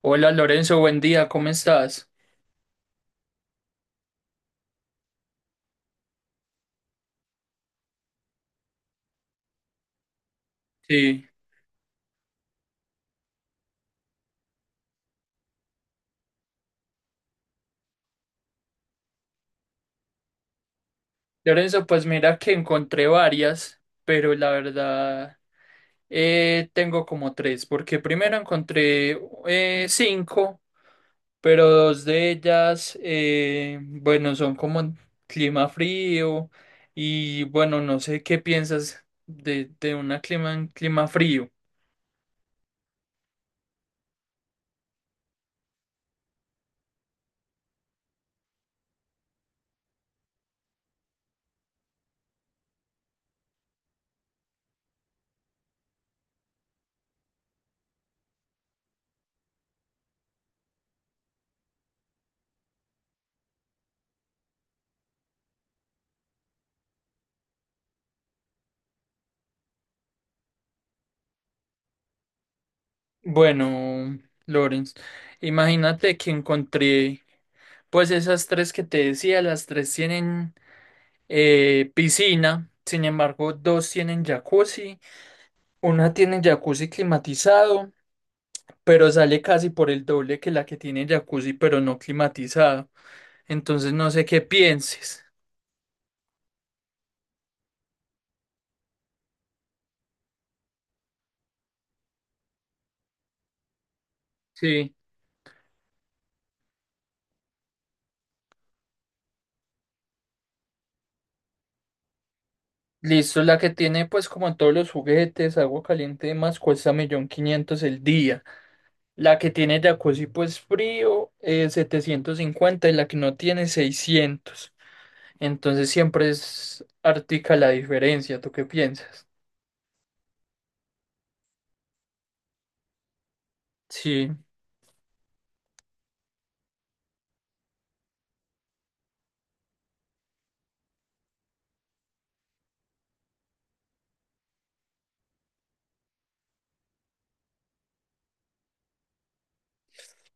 Hola Lorenzo, buen día, ¿cómo estás? Sí. Lorenzo, pues mira que encontré varias, pero la verdad, tengo como tres, porque primero encontré cinco, pero dos de ellas, bueno, son como en clima frío. Y bueno, no sé qué piensas de un clima frío. Bueno, Lorenz, imagínate que encontré pues esas tres que te decía, las tres tienen, piscina. Sin embargo, dos tienen jacuzzi, una tiene jacuzzi climatizado, pero sale casi por el doble que la que tiene jacuzzi pero no climatizado. Entonces no sé qué pienses. Sí, listo. La que tiene pues como todos los juguetes, agua caliente y demás, cuesta 1.500.000 el día. La que tiene jacuzzi pues frío, 750, y la que no tiene, 600. Entonces siempre es artica la diferencia. ¿Tú qué piensas? Sí,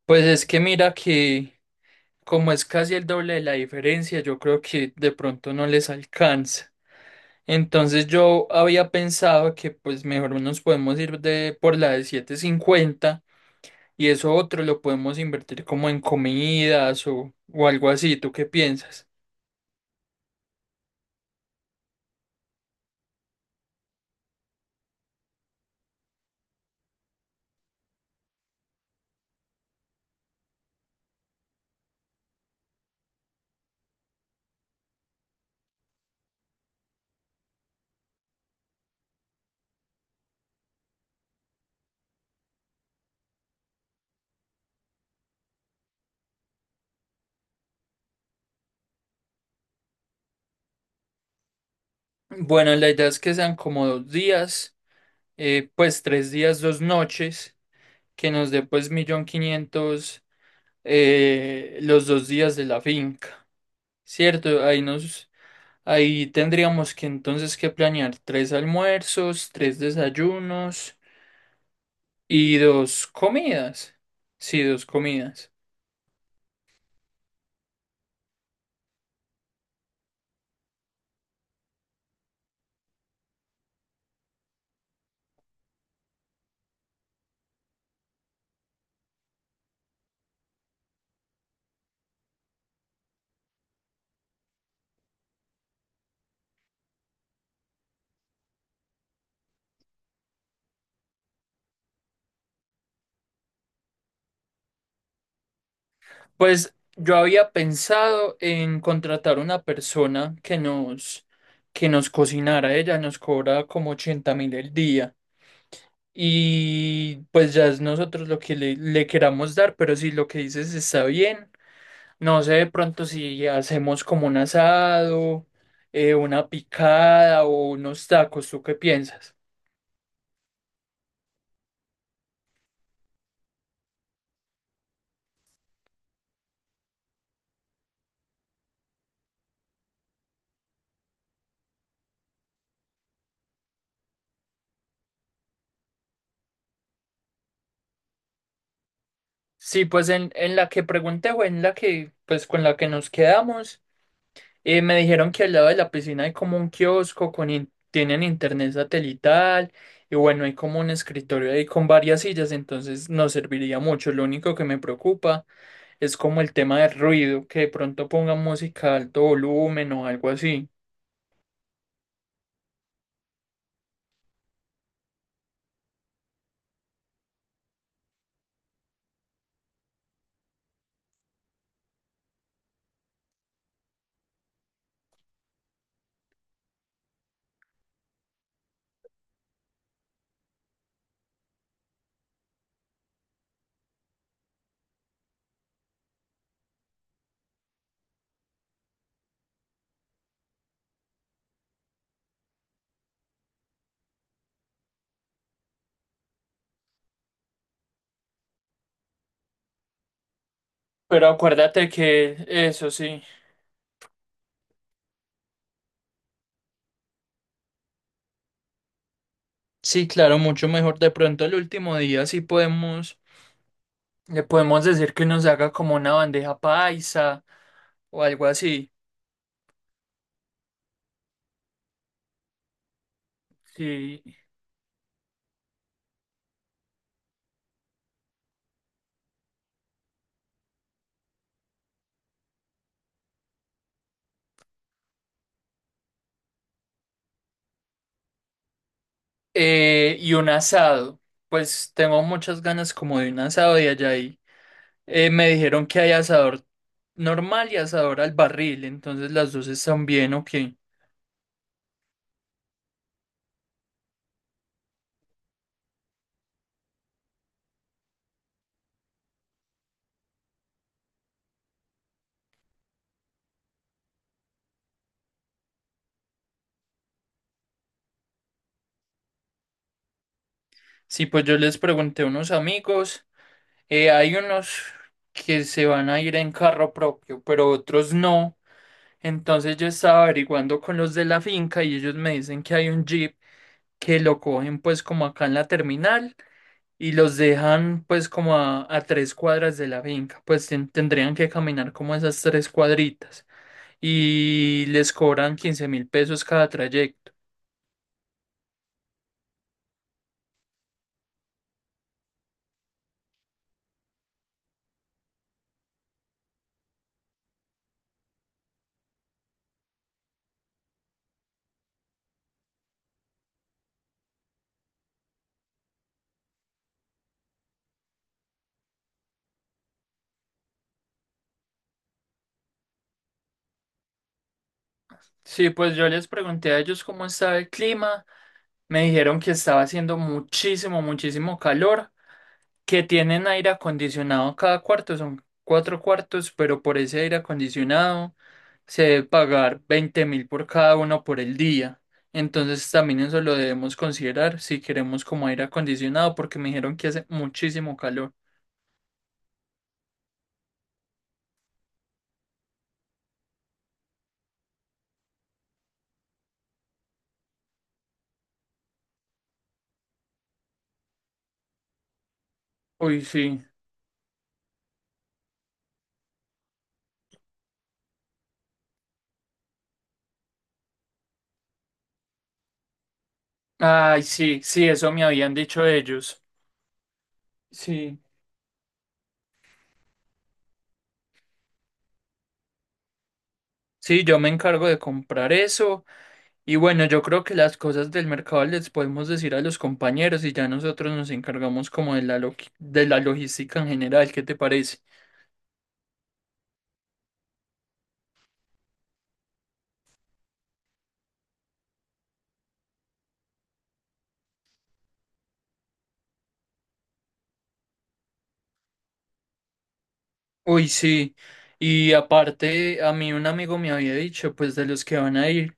pues es que mira que como es casi el doble de la diferencia, yo creo que de pronto no les alcanza. Entonces yo había pensado que pues mejor nos podemos ir de por la de 750, y eso otro lo podemos invertir como en comidas o algo así. ¿Tú qué piensas? Bueno, la idea es que sean como 2 días. Pues 3 días, 2 noches, que nos dé pues 1.500.000 los 2 días de la finca, ¿cierto? Ahí tendríamos que entonces que planear tres almuerzos, tres desayunos y dos comidas. Sí, dos comidas. Pues yo había pensado en contratar una persona que nos cocinara. Ella nos cobra como 80.000 el día. Y pues ya es nosotros lo que le queramos dar, pero si lo que dices está bien, no sé de pronto si hacemos como un asado, una picada o unos tacos. ¿Tú qué piensas? Sí, pues en la que pregunté, o en la que, pues con la que nos quedamos. Me dijeron que al lado de la piscina hay como un kiosco tienen internet satelital. Y bueno, hay como un escritorio ahí con varias sillas, entonces nos serviría mucho. Lo único que me preocupa es como el tema del ruido, que de pronto pongan música a alto volumen o algo así. Pero acuérdate que eso sí. Sí, claro, mucho mejor. De pronto el último día sí le podemos decir que nos haga como una bandeja paisa o algo así. Sí. Y un asado. Pues tengo muchas ganas como de un asado. Y allá ahí, me dijeron que hay asador normal y asador al barril. Entonces las dos están bien, ok. Sí, pues yo les pregunté a unos amigos. Hay unos que se van a ir en carro propio, pero otros no. Entonces yo estaba averiguando con los de la finca, y ellos me dicen que hay un jeep que lo cogen pues como acá en la terminal. Y los dejan pues como a 3 cuadras de la finca. Pues tendrían que caminar como esas 3 cuadritas, y les cobran 15.000 pesos cada trayecto. Sí, pues yo les pregunté a ellos cómo estaba el clima. Me dijeron que estaba haciendo muchísimo, muchísimo calor, que tienen aire acondicionado cada cuarto. Son cuatro cuartos, pero por ese aire acondicionado se debe pagar 20.000 por cada uno por el día. Entonces también eso lo debemos considerar si queremos como aire acondicionado, porque me dijeron que hace muchísimo calor. Uy, sí. Ay, sí, sí, eso me habían dicho ellos. Sí. Sí, yo me encargo de comprar eso. Y bueno, yo creo que las cosas del mercado les podemos decir a los compañeros, y ya nosotros nos encargamos como de la logística en general. ¿Qué te parece? Uy, sí. Y aparte, a mí un amigo me había dicho, pues de los que van a ir,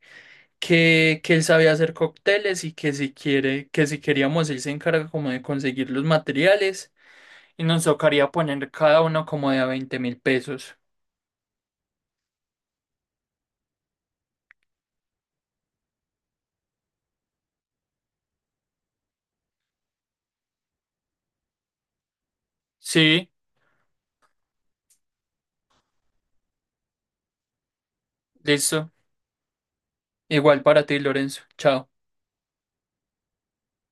que él sabía hacer cócteles, y que si queríamos, él se encarga como de conseguir los materiales, y nos tocaría poner cada uno como de a 20 mil pesos. Sí, listo. Igual para ti, Lorenzo. Chao.